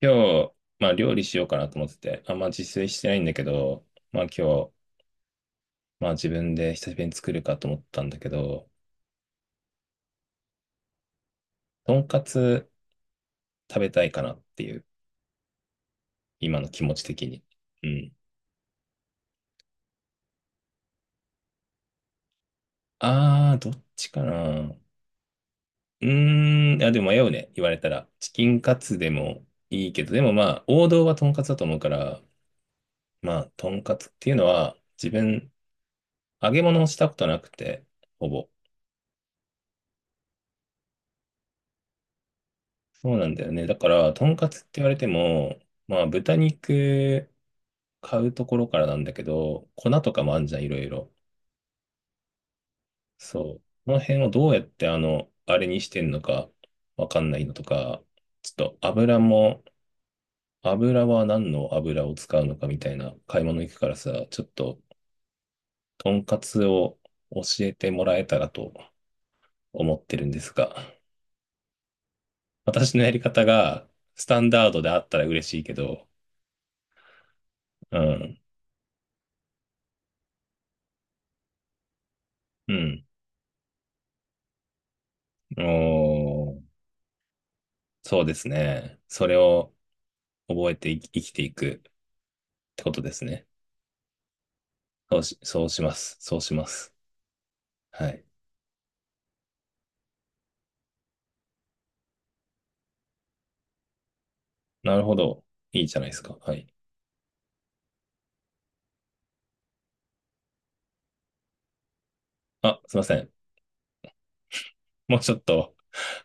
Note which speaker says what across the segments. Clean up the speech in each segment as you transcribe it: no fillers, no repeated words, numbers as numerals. Speaker 1: 今日、まあ料理しようかなと思ってて、あんま自炊してないんだけど、まあ今日、まあ自分で久しぶりに作るかと思ったんだけど、とんかつ食べたいかなっていう、今の気持ち的に。うん。どっちかな。うーん、あ、でも迷うね。言われたら。チキンカツでもいいけど、でもまあ王道はとんかつだと思うから、まあとんかつっていうのは自分揚げ物をしたことなくて、ほぼ。そうなんだよね。だから、とんかつって言われても、まあ、豚肉買うところからなんだけど、粉とかもあんじゃん、いろいろ。そう。この辺をどうやって、あれにしてんのか、わかんないのとか、ちょっと油も、油は何の油を使うのかみたいな買い物行くからさ、ちょっと、とんかつを教えてもらえたらと思ってるんですが、私のやり方がスタンダードであったら嬉しいけど、うん。うん。おーそうですね。それを覚えてい生きていくってことですね。そうします。そうします。はい。なるほど。いいじゃないですか。はい。あ、すいません。もうちょっと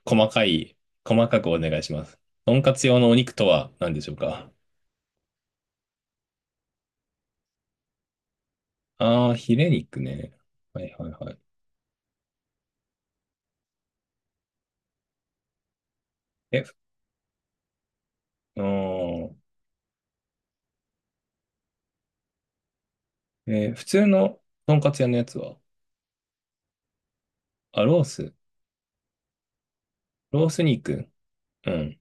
Speaker 1: 細かい、細かくお願いします。とんかつ用のお肉とは何でしょうか？ああー、ヒレ肉ね。はいはいはい。え、ふうーん。普通のとんかつ屋のやつは、あ、ロース。ロース肉。うん。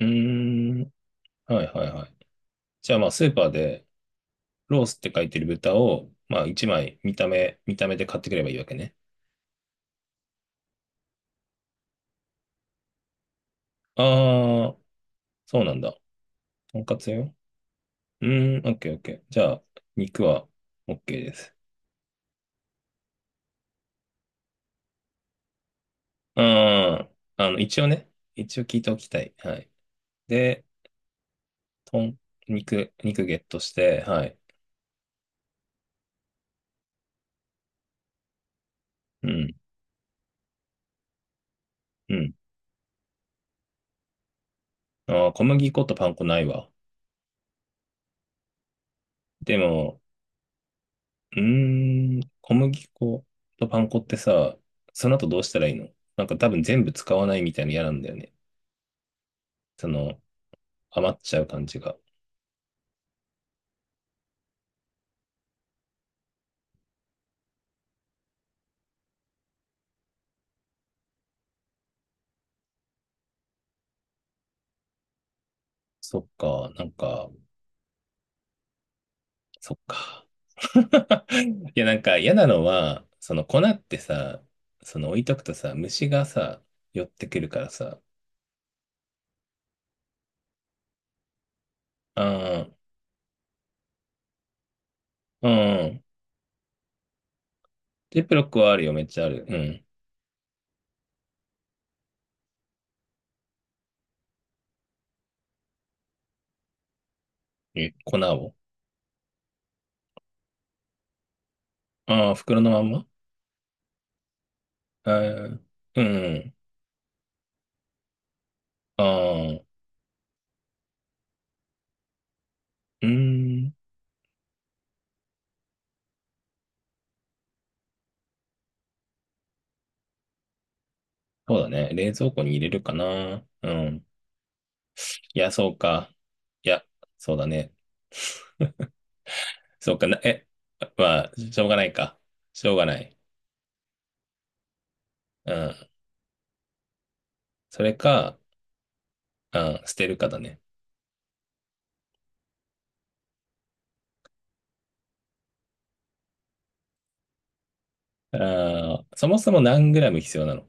Speaker 1: うーん。はいはいはい。じゃあまあ、スーパーで、ロースって書いてる豚を、まあ一枚見た目で買ってくればいいわけね。ああ、そうなんだ。とんかつよ。うーん、オッケーオッケー。じゃあ、肉はオッケーです。うーん、一応ね、一応聞いておきたい。はい。で、とん、肉、肉ゲットして、はい。うん、うん。ああ、小麦粉とパン粉ないわ。でも、うーん、小麦粉とパン粉ってさ、その後どうしたらいいの？なんか多分全部使わないみたいなの嫌なんだよね。その、余っちゃう感じが。そっか、なんか、そっか。いや、なんか嫌なのは、その粉ってさ、その置いとくとさ、虫がさ、寄ってくるからさ、あーうん。ジップロックはあるよ、めっちゃある。うん。え、粉を。ああ、袋のまんま、あーうん。ああ、うーん。そうだね。冷蔵庫に入れるかな。うん。いや、そうか。いや、そうだね。そうかな、え、まあ、しょうがないか。しょうがない。うん。それか、うん、捨てるかだね。あー、そもそも何グラム必要なの？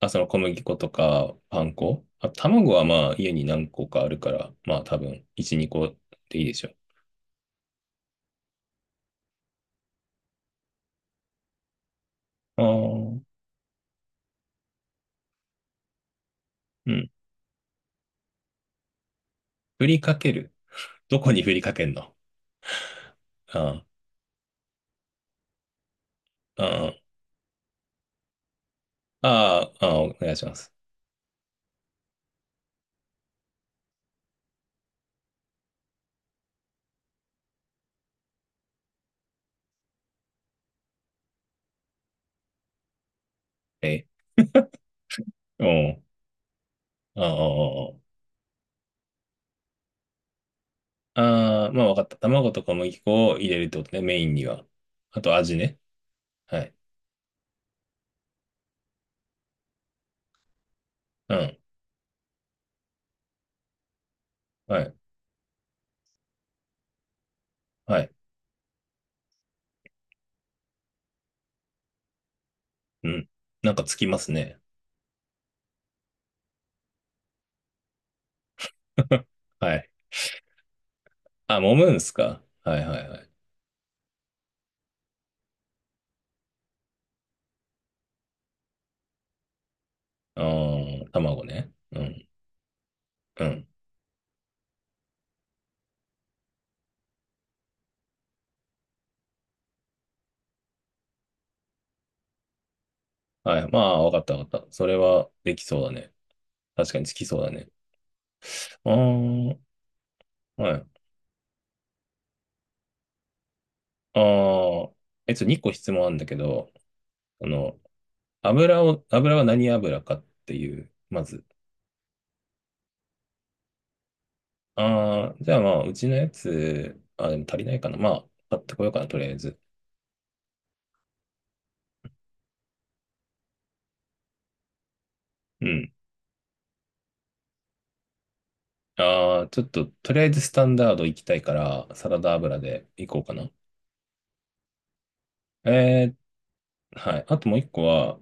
Speaker 1: あ、その小麦粉とかパン粉、あ、卵はまあ家に何個かあるから、まあ多分1、2個でいいでしょう。あーうん。振りかける。どこに振りかけんの？あー、あー、あー、あーお願いします。え、うん。あーあー、あーあー、まあわかった。卵と小麦粉を入れるってことね、メインには。あと味ね。はい。うん。はい。はい。うん。なんかつきますね。はい。あ、揉むんすか？はいはいはい。あー、卵ね。うん。うん。はい。まあ、わかったわかった。それはできそうだね。確かにつきそうだね。あー、はい。あー、え、2個質問あるんだけど、あの、油は何油かっていう、まず。あー、じゃあまあ、うちのやつ、あ、でも足りないかな。まあ、買ってこようかな、とりあえず。うん。ああ、ちょっと、とりあえずスタンダード行きたいから、サラダ油で行こうかな。えはい。あともう一個は、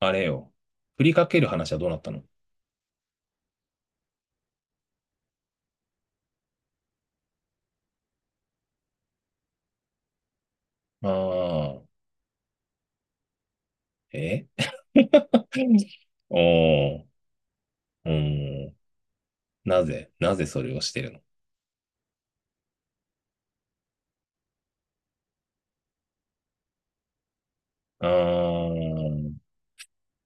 Speaker 1: あれよ。振りかける話はどうなったの？ああー、えおおー、うーん。なぜそれをしてるの？ああー、そ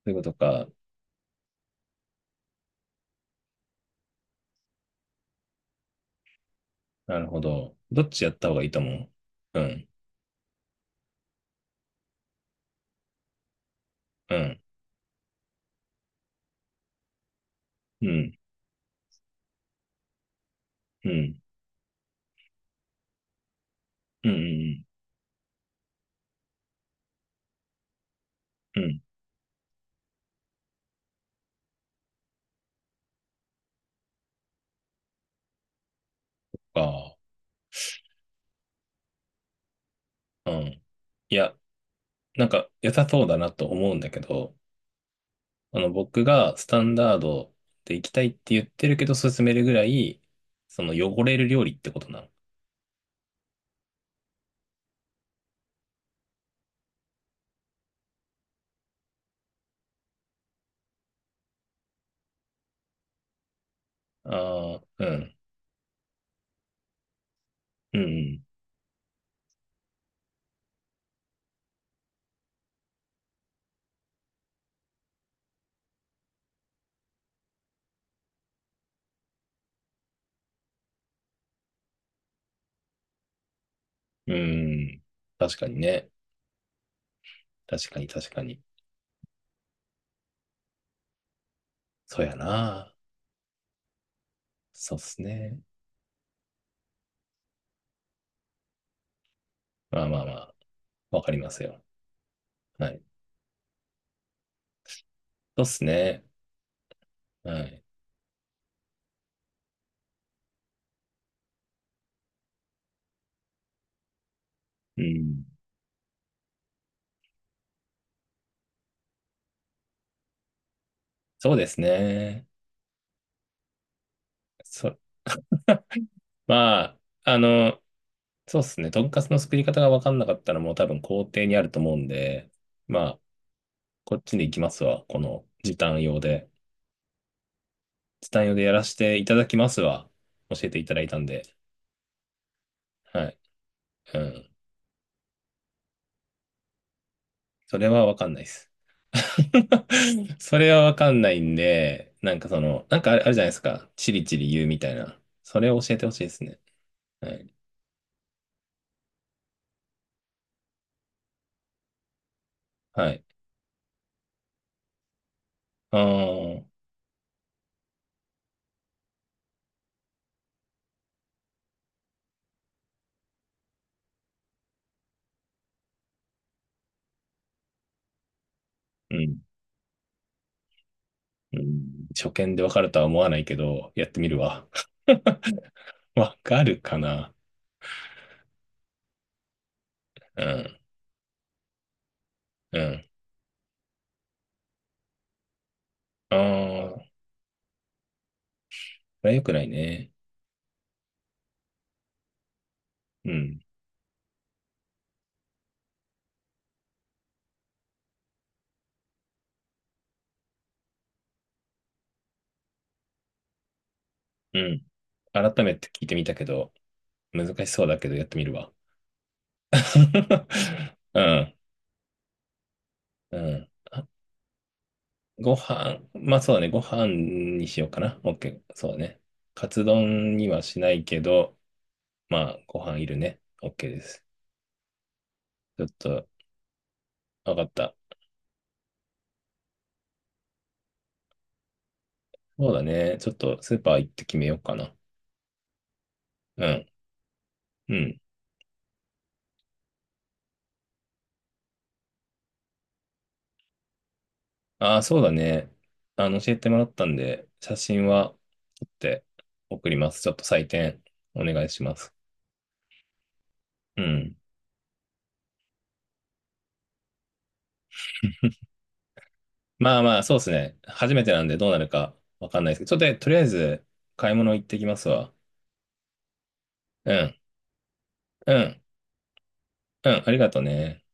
Speaker 1: ういうことか。なるほど。どっちやった方がいいと思う？うん、うん、うん、うん、うん、うん、うん、うんか。うん。いや、なんか良さそうだなと思うんだけど、僕がスタンダードで行きたいって言ってるけど、勧めるぐらい、その汚れる料理ってことなの？ああ、うん、うん、うん。確かにね。確かに、確かに。そうやな。そうっすね。まあまあまあ、わかりますよ。はい。そうっすね。はい。うん。そうですね。そ、まあ、あの、そうっすね。とんかつの作り方がわかんなかったらもう多分工程にあると思うんで、まあ、こっちで行きますわ。この時短用で。時短用でやらせていただきますわ。教えていただいたんで。はい。うん。それはわかんないです。それはわかんないんで、なんかその、なんかあれ、あるじゃないですか。チリチリ言うみたいな。それを教えてほしいですね。はい。はい。あー、うん。うん。初見でわかるとは思わないけど、やってみるわ。わかるかな。うん。うん。ああ、これは良くないね。うん。うん。改めて聞いてみたけど、難しそうだけどやってみるわ。うん、うん。あ、ご飯、まあそうだね、ご飯にしようかな。OK、そうだね。カツ丼にはしないけど、まあご飯いるね。OK です。ちょっと、わかった。そうだね。ちょっとスーパー行って決めようかな。うん、うん。ああ、そうだね。教えてもらったんで、写真は撮って送ります。ちょっと採点お願いします。うん。まあまあ、そうですね。初めてなんでどうなるかわかんないですけど、ちょっととりあえず買い物行ってきますわ。うん、うん、うん、ありがとうね。